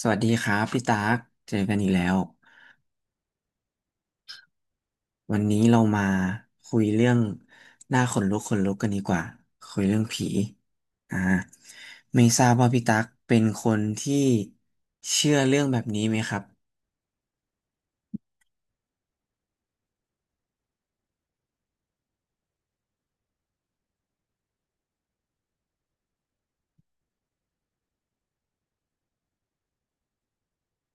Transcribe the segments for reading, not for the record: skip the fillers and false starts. สวัสดีครับพี่ตากเจอกันอีกแล้ววันนี้เรามาคุยเรื่องหน้าขนลุกขนลุกกันดีกว่าคุยเรื่องผีอ่าไม่ทราบว่าพี่ตักเป็นคนที่เชื่อเรื่องแบบนี้ไหมครับ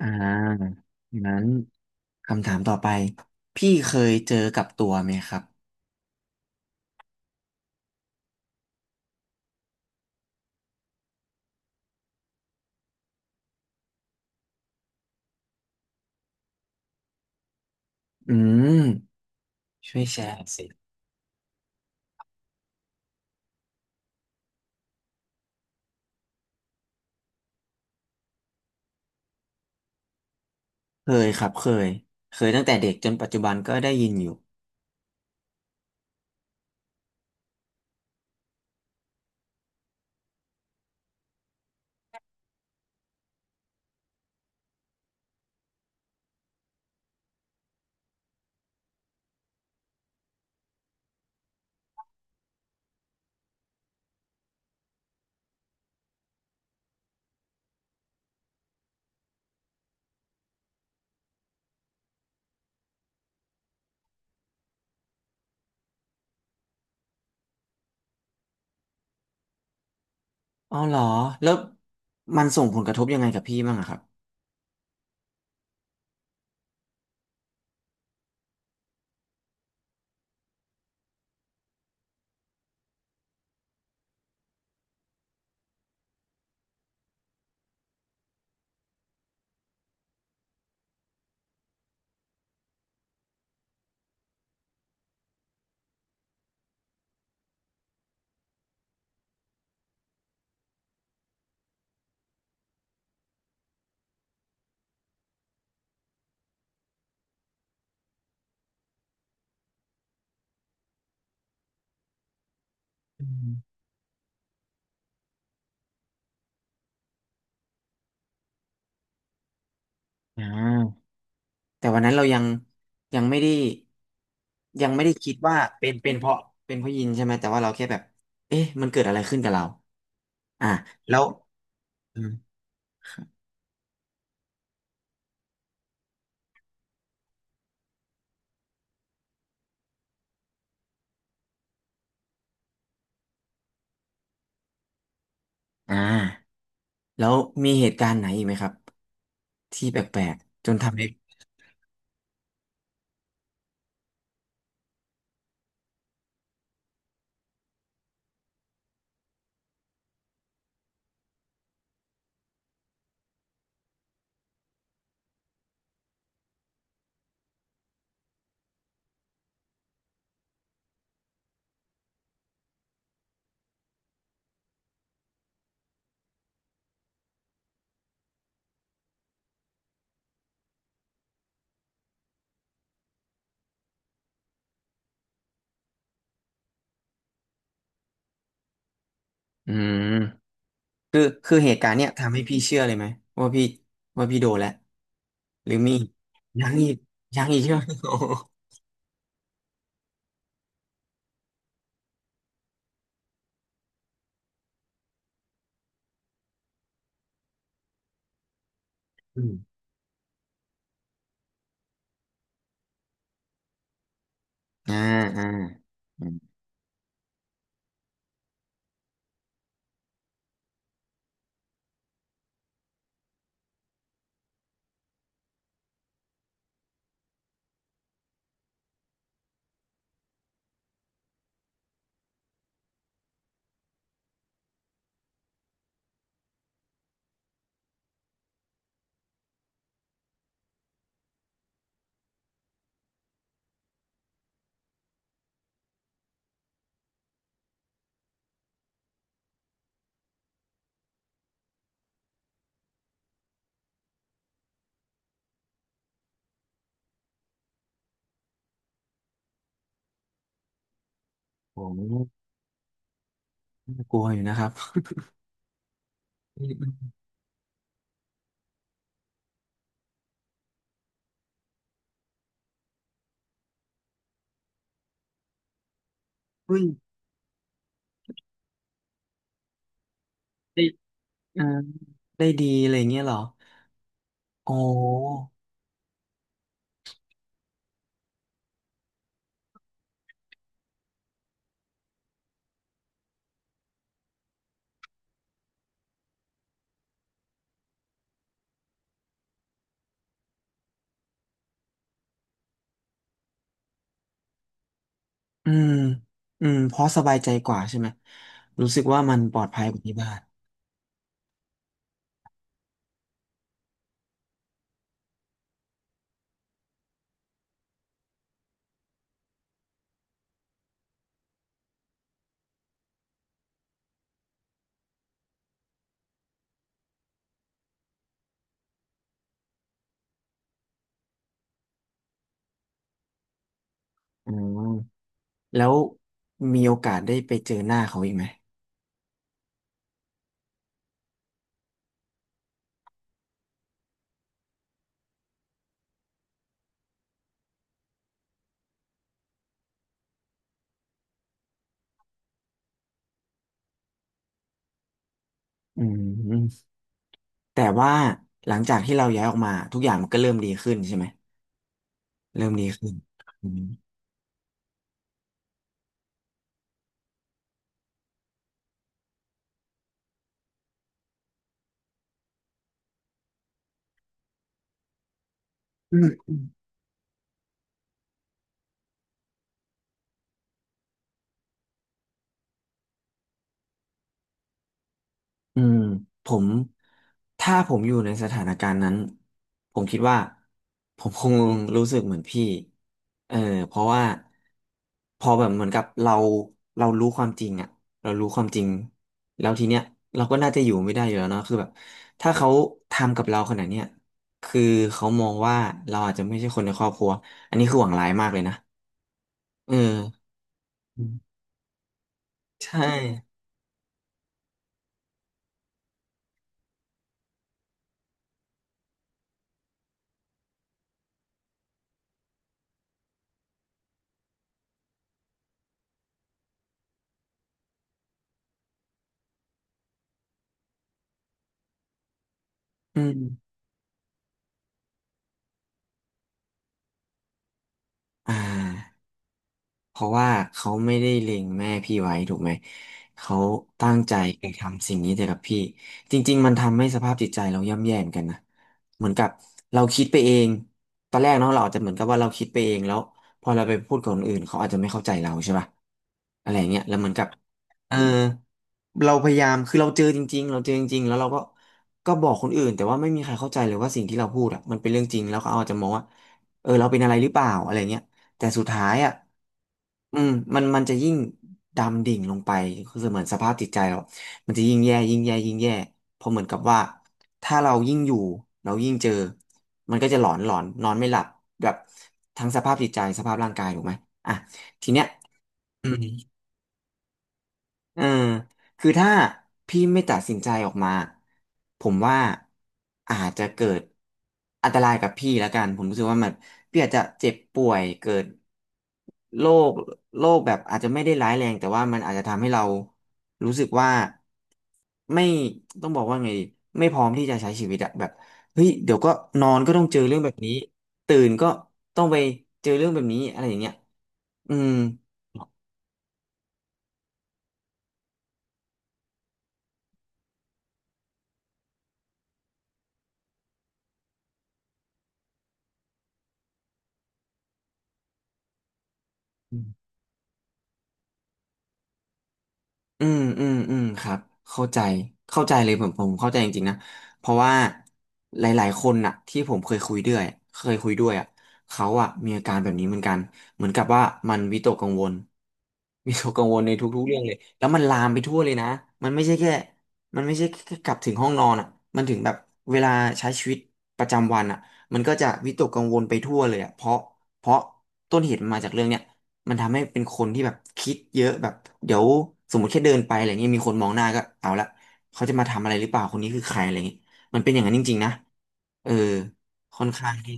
อ่างั้นคำถามต่อไปพี่เคยเจอกับตัวไหมครับอืมช่วยแชร์สิเคยครับเคยเคยตั้งแต่เด็กจนปัจจุบันก็ได้ยินอยู่อ๋อเหรอแล้วมันส่งผลกระทบยังไงกับพี่บ้างอะครับ อ่าแต่วันนั้นเรายังยังไม่ได้ยังไม่ได้คิดว่าเป็นเพราะเป็นเพราะยินใช่ไหมแต่ว่าเราแค่แบบเอ๊ะมันเกิดอะไรขึ้นกับเราอ่าแล้วอืมอ่าแล้วมีเหตุการณ์ไหนอีกไหมครับที่แปลกๆจนทำให้อืมคือเหตุการณ์เนี้ยทำให้พี่เชื่อเลยไหมว่าพี่ว่าพี่โดนแล้วหรือมียังอีกยังอีกใช่ไหมโอ้โห อืมอ่าอ่าอืมโอ้โหน่ากลัวอยู่นะครับ อุ้ยได้อ่าได้ดีอะไรอย่างเงี้ยเหรออ๋ออืมอืมเพราะสบายใจกว่าใช่ไหมรู้สึกว่ามันปลอดภัยกว่าที่บ้านอ๋อแล้วมีโอกาสได้ไปเจอหน้าเขาอีกไหมอืมแต่ว่าหลังจากที่เราย้ายออกมาทุกอย่างมันก็เริ่มดีขึ้นใช่ไหมเริ่มดีขึ้นอืม อืมผมถ้าผมอยู่ในสถานการณ์นั้นผมคิดว่าผมคงรู้สึกเหมือนพี่เออเพราะว่าพอแบบเหมือนกับเรารู้ความจริงอะเรารู้ความจริงแล้วทีเนี้ยเราก็น่าจะอยู่ไม่ได้อยู่แล้วเนาะคือแบบถ้าเขาทำกับเราขนาดเนี้ยคือเขามองว่าเราอาจจะไม่ใช่คนในครอบครัวอันนี้คือหวังร้ายมากเลยนะเอออืมใช่อืมอ่า เพราะว่าเขาไม่ได้เล็งแม่พี่ไว้ถูกไหมเขาตั้งใจไปทำสิ่งนี้แต่กับพี่จริงๆมันทำให้สภาพจิตใจเราย่ำแย่เหมือนกันนะเหมือนกับเราคิดไปเองตอนแรกเนาะเราอาจจะเหมือนกับว่าเราคิดไปเองแล้วพอเราไปพูดกับคนอื่นเขาอาจจะไม่เข้าใจเราใช่ป่ะอะไรอย่างเงี้ยแล้วเหมือนกับเออเราพยายามคือเราเจอจริงๆเราเจอจริงๆแล้วเราก็ก็บอกคนอื่นแต่ว่าไม่มีใครเข้าใจเลยว่าสิ่งที่เราพูดอะมันเป็นเรื่องจริงแล้วเขาอาจจะมองว่าเออเราเป็นอะไรหรือเปล่าอะไรเงี้ย แต่สุดท้ายอ่ะอืมมันจะยิ่งดำดิ่งลงไปคือเหมือนสภาพจิตใจเรามันจะยิ่งแย่ยิ่งแย่ยิ่งแย่เพราะเหมือนกับว่าถ้าเรายิ่งอยู่เรายิ่งเจอมันก็จะหลอนหลอนนอนไม่หลับแบบทั้งสภาพจิตใจสภาพร่างกายถูกไหมอ่ะทีเนี้ยอืม เออคือถ้าพี่ไม่ตัดสินใจออกมา ผมว่าอาจจะเกิดอันตรายกับพี่แล้วกัน ผมรู้สึกว่ามันพี่อาจจะเจ็บป่วยเกิดโรคโรคแบบอาจจะไม่ได้ร้ายแรงแต่ว่ามันอาจจะทำให้เรารู้สึกว่าไม่ต้องบอกว่าไงดีไม่พร้อมที่จะใช้ชีวิตอะแบบเฮ้ยเดี๋ยวก็นอนก็ต้องเจอเรื่องแบบนี้ตื่นก็ต้องไปเจอเรื่องแบบนี้อะไรอย่างเงี้ยอืม อืมอืมอืมครับเข้าใจเข้าใจเลยผมเข้าใจจริงๆนะเพราะว่าหลายๆคนน่ะที่ผมเคยคุยด้วยเคยคุยด้วยอ่ะเขาอ่ะมีอาการแบบนี้เหมือนกันเหมือนกับว่ามันวิตกกังวลวิตกกังวลในทุกๆเรื่องเลยแล้วมันลามไปทั่วเลยนะมันไม่ใช่แค่มันไม่ใช่แค่กลับถึงห้องนอนอ่ะมันถึงแบบเวลาใช้ชีวิตประจำวันอ่ะมันก็จะวิตกกังวลไปทั่วเลยอ่ะเพราะเพราะต้นเหตุมันมาจากเรื่องเนี้ย มันทำให้เป็นคนที่แบบคิดเยอะแบบเดี๋ยวสมมติแค่เดินไปอะไรเงี้ยมีคนมองหน้าก็เอาละเขาจะมาทำอะไรหรือเปล่าคนนี้คือใครอะไรเงี้ยมันเป็นอย่างนั้นจริงๆนะเออค่อนข้างที่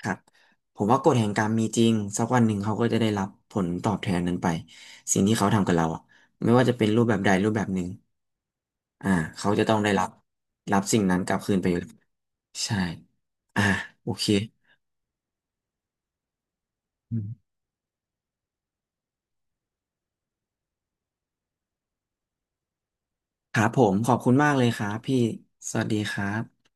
ครับผมว่ากฎแห่งกรรมมีจริงสักวันหนึ่งเขาก็จะได้รับผลตอบแทนนั้นไปสิ่งที่เขาทำกับเราอะไม่ว่าจะเป็นรูปแบบใดรูปแบบหนึ่งอ่าเขาจะต้องได้รับรับสิ่งนั้นกลับคืนไปอยู่แล้วใช่อ่าโอเคอืมครับผมขอบคุณมากเลยครับพี่สวัสดีครับ